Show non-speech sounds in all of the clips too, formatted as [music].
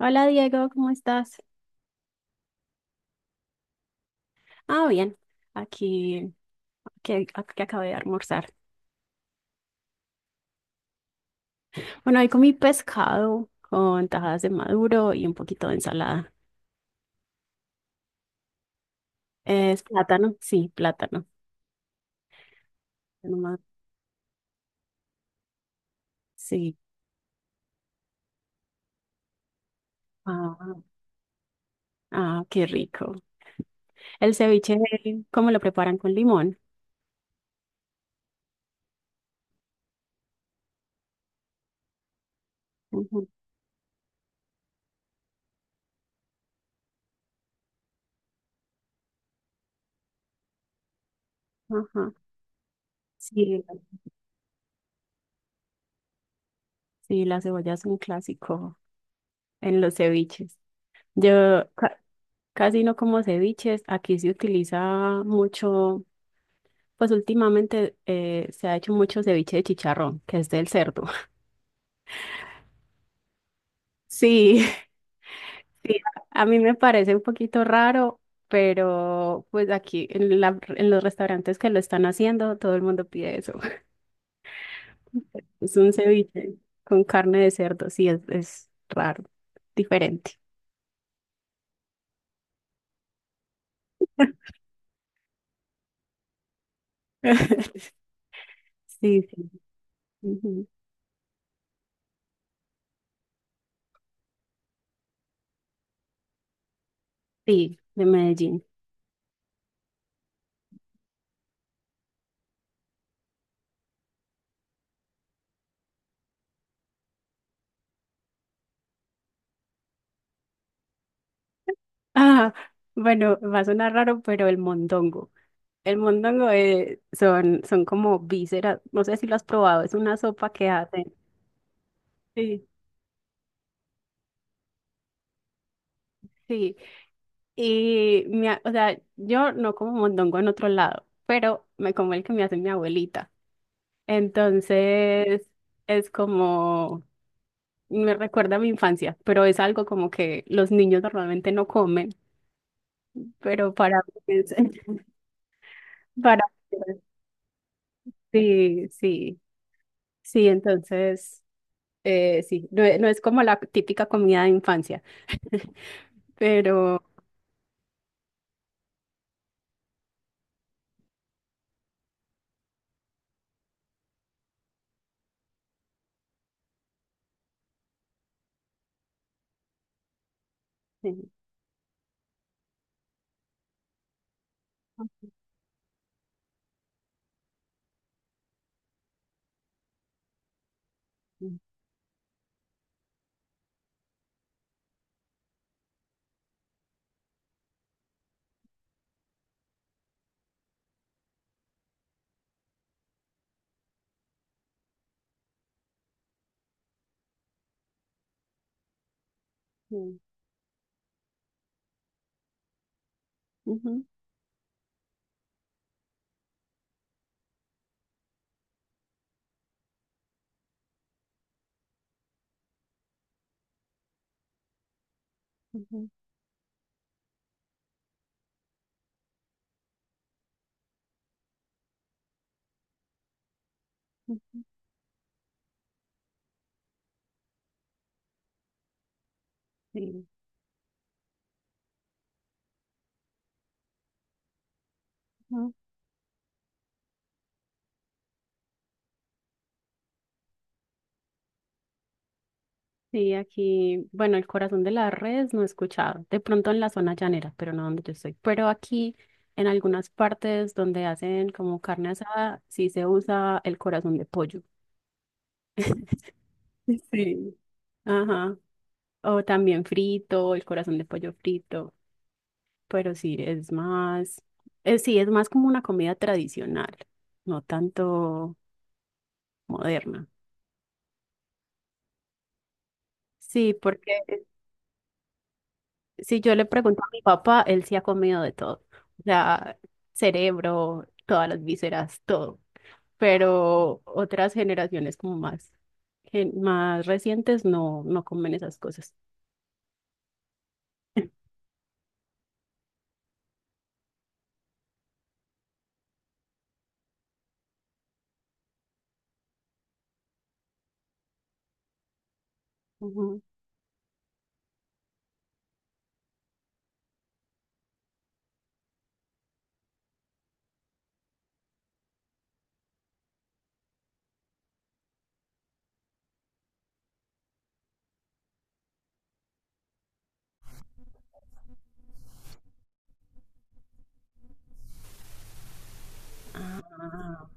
Hola Diego, ¿cómo estás? Ah, bien, aquí que acabé de almorzar. Bueno, hoy comí pescado con tajadas de maduro y un poquito de ensalada. ¿Es plátano? Sí, plátano. Nomás, sí. Ah, ah, qué rico. El ceviche, ¿cómo lo preparan con limón? Ujú, ajá. Sí, sí, la cebolla es un clásico en los ceviches. Yo ca- Casi no como ceviches. Aquí se utiliza mucho. Pues últimamente se ha hecho mucho ceviche de chicharrón, que es del cerdo. [laughs] Sí, sí, a mí me parece un poquito raro, pero pues en los restaurantes que lo están haciendo, todo el mundo pide eso. [laughs] Es un ceviche con carne de cerdo, sí, es raro, diferente. [laughs] Sí, sí. Ujú. Sí, de Medellín. Ah, bueno, va a sonar raro, pero el mondongo. El mondongo son como vísceras, no sé si lo has probado, es una sopa que hacen. Sí. Sí, y o sea, yo no como mondongo en otro lado, pero me como el que me hace mi abuelita. Entonces, es como, me recuerda a mi infancia, pero es algo como que los niños normalmente no comen, pero para mí [laughs] para, sí, sí, sí, entonces, sí, no, no es como la típica comida de infancia. Pero sí, ujú, sí, ujú, ujú, ujú, sí, ujú. Sí, aquí, bueno, el corazón de las redes no he escuchado, de pronto en la zona llanera, pero no donde yo estoy, pero aquí en algunas partes donde hacen como carne asada, sí se usa el corazón de pollo. [laughs] Sí. Ajá, o también frito, el corazón de pollo frito, pero sí, es más como una comida tradicional, no tanto moderna. Sí, porque si yo le pregunto a mi papá, él sí ha comido de todo. O sea, cerebro, todas las vísceras, todo. Pero otras generaciones como más, más recientes no, no comen esas cosas. Ujú. Ah,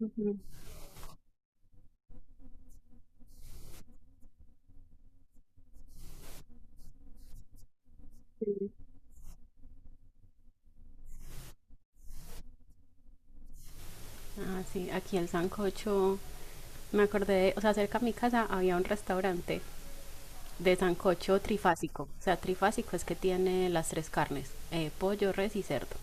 ujú, sí. Ah, sí, aquí el sancocho, me acordé de, o sea, cerca de mi casa había un restaurante de sancocho trifásico. O sea, trifásico es que tiene las tres carnes, pollo, res y cerdo.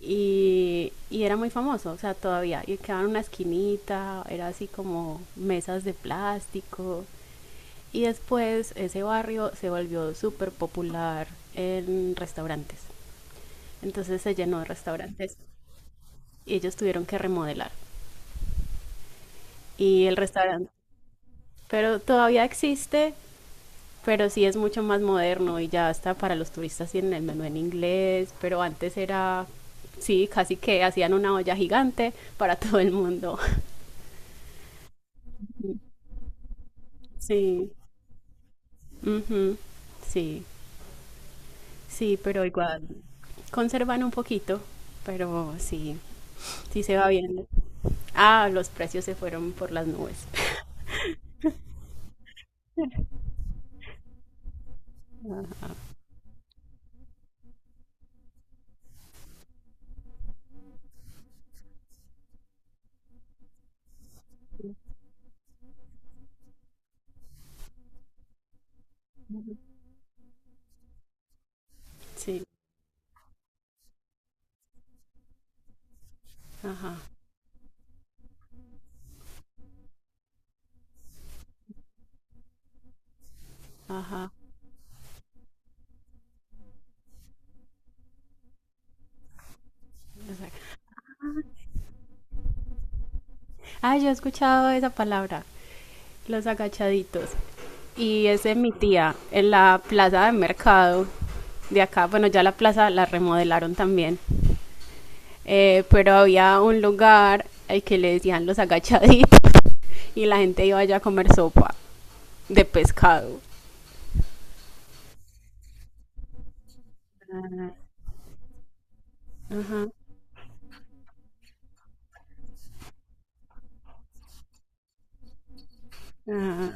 Y era muy famoso, o sea, todavía. Y quedaba en una esquinita, era así como mesas de plástico. Y después ese barrio se volvió súper popular en restaurantes. Entonces se llenó de restaurantes y ellos tuvieron que remodelar. Y el restaurante, pero todavía existe, pero sí es mucho más moderno y ya está para los turistas, tienen el menú en inglés, pero antes era, sí, casi que hacían una olla gigante para [laughs] todo el mundo. [laughs] Sí. Ujú, sí, sí, pero igual conservan un poquito, pero sí, sí se va viendo. Ah, los precios se fueron por las nubes. [laughs] Sí, ajá, ajá. los aga- Ah, yo he escuchado esa palabra, los agachaditos. Y es de mi tía, en la plaza de mercado de acá. Bueno, ya la plaza la remodelaron también. Pero había un lugar al que le decían los agachaditos [laughs] y la gente iba allá a comer sopa de pescado. Ajá. Ah,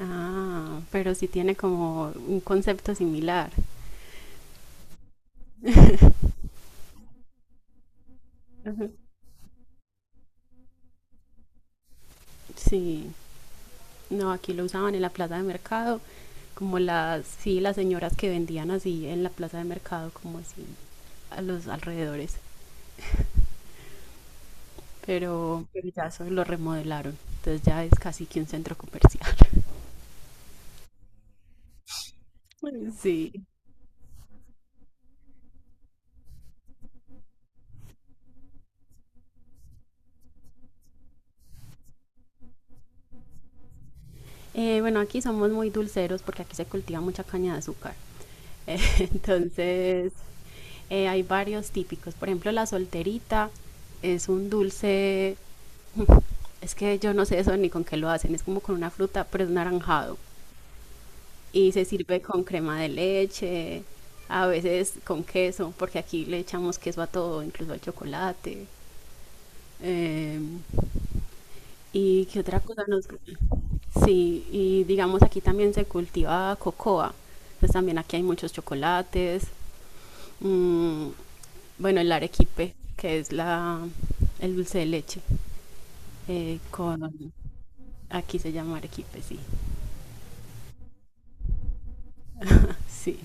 ah, pero sí tiene como un concepto similar. Ajá. Sí, no, aquí lo usaban en la plaza de mercado, como las, sí, las señoras que vendían así en la plaza de mercado, como así, a los alrededores. Pero ya eso lo remodelaron, entonces ya es casi que un centro comercial. [laughs] Sí. Bueno, aquí somos muy dulceros porque aquí se cultiva mucha caña de azúcar. [laughs] Entonces, hay varios típicos, por ejemplo, la solterita es un dulce, es que yo no sé eso ni con qué lo hacen, es como con una fruta, pero es naranjado y se sirve con crema de leche, a veces con queso, porque aquí le echamos queso a todo, incluso al chocolate. Eh, ¿Y qué otra cosa nos gusta? Sí, y digamos aquí también se cultiva cocoa. Entonces también aquí hay muchos chocolates. Mm, bueno, el arequipe, que es la, el dulce de leche, eh, con, aquí se llama arequipe, sí, sí,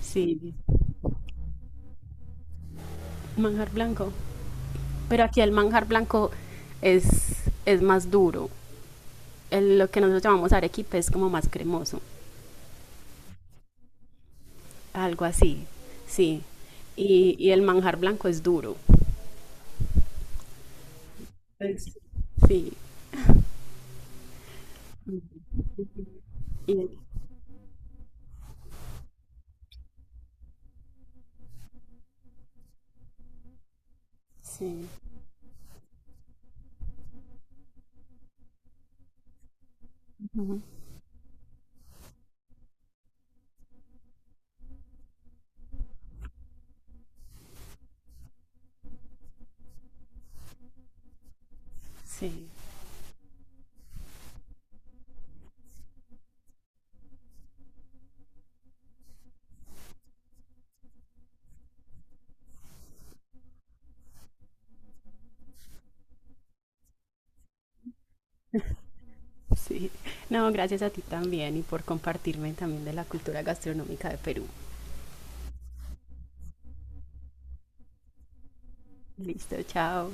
sí, manjar blanco, pero aquí el manjar blanco es, es más duro, lo que nosotros llamamos arequipe es como más cremoso, algo así, sí, y el manjar blanco es duro. Es- sí, y, sí, ujú, sí. [laughs] Sí, no, gracias a ti también y por compartirme también de la cultura gastronómica de Perú. Listo, chao.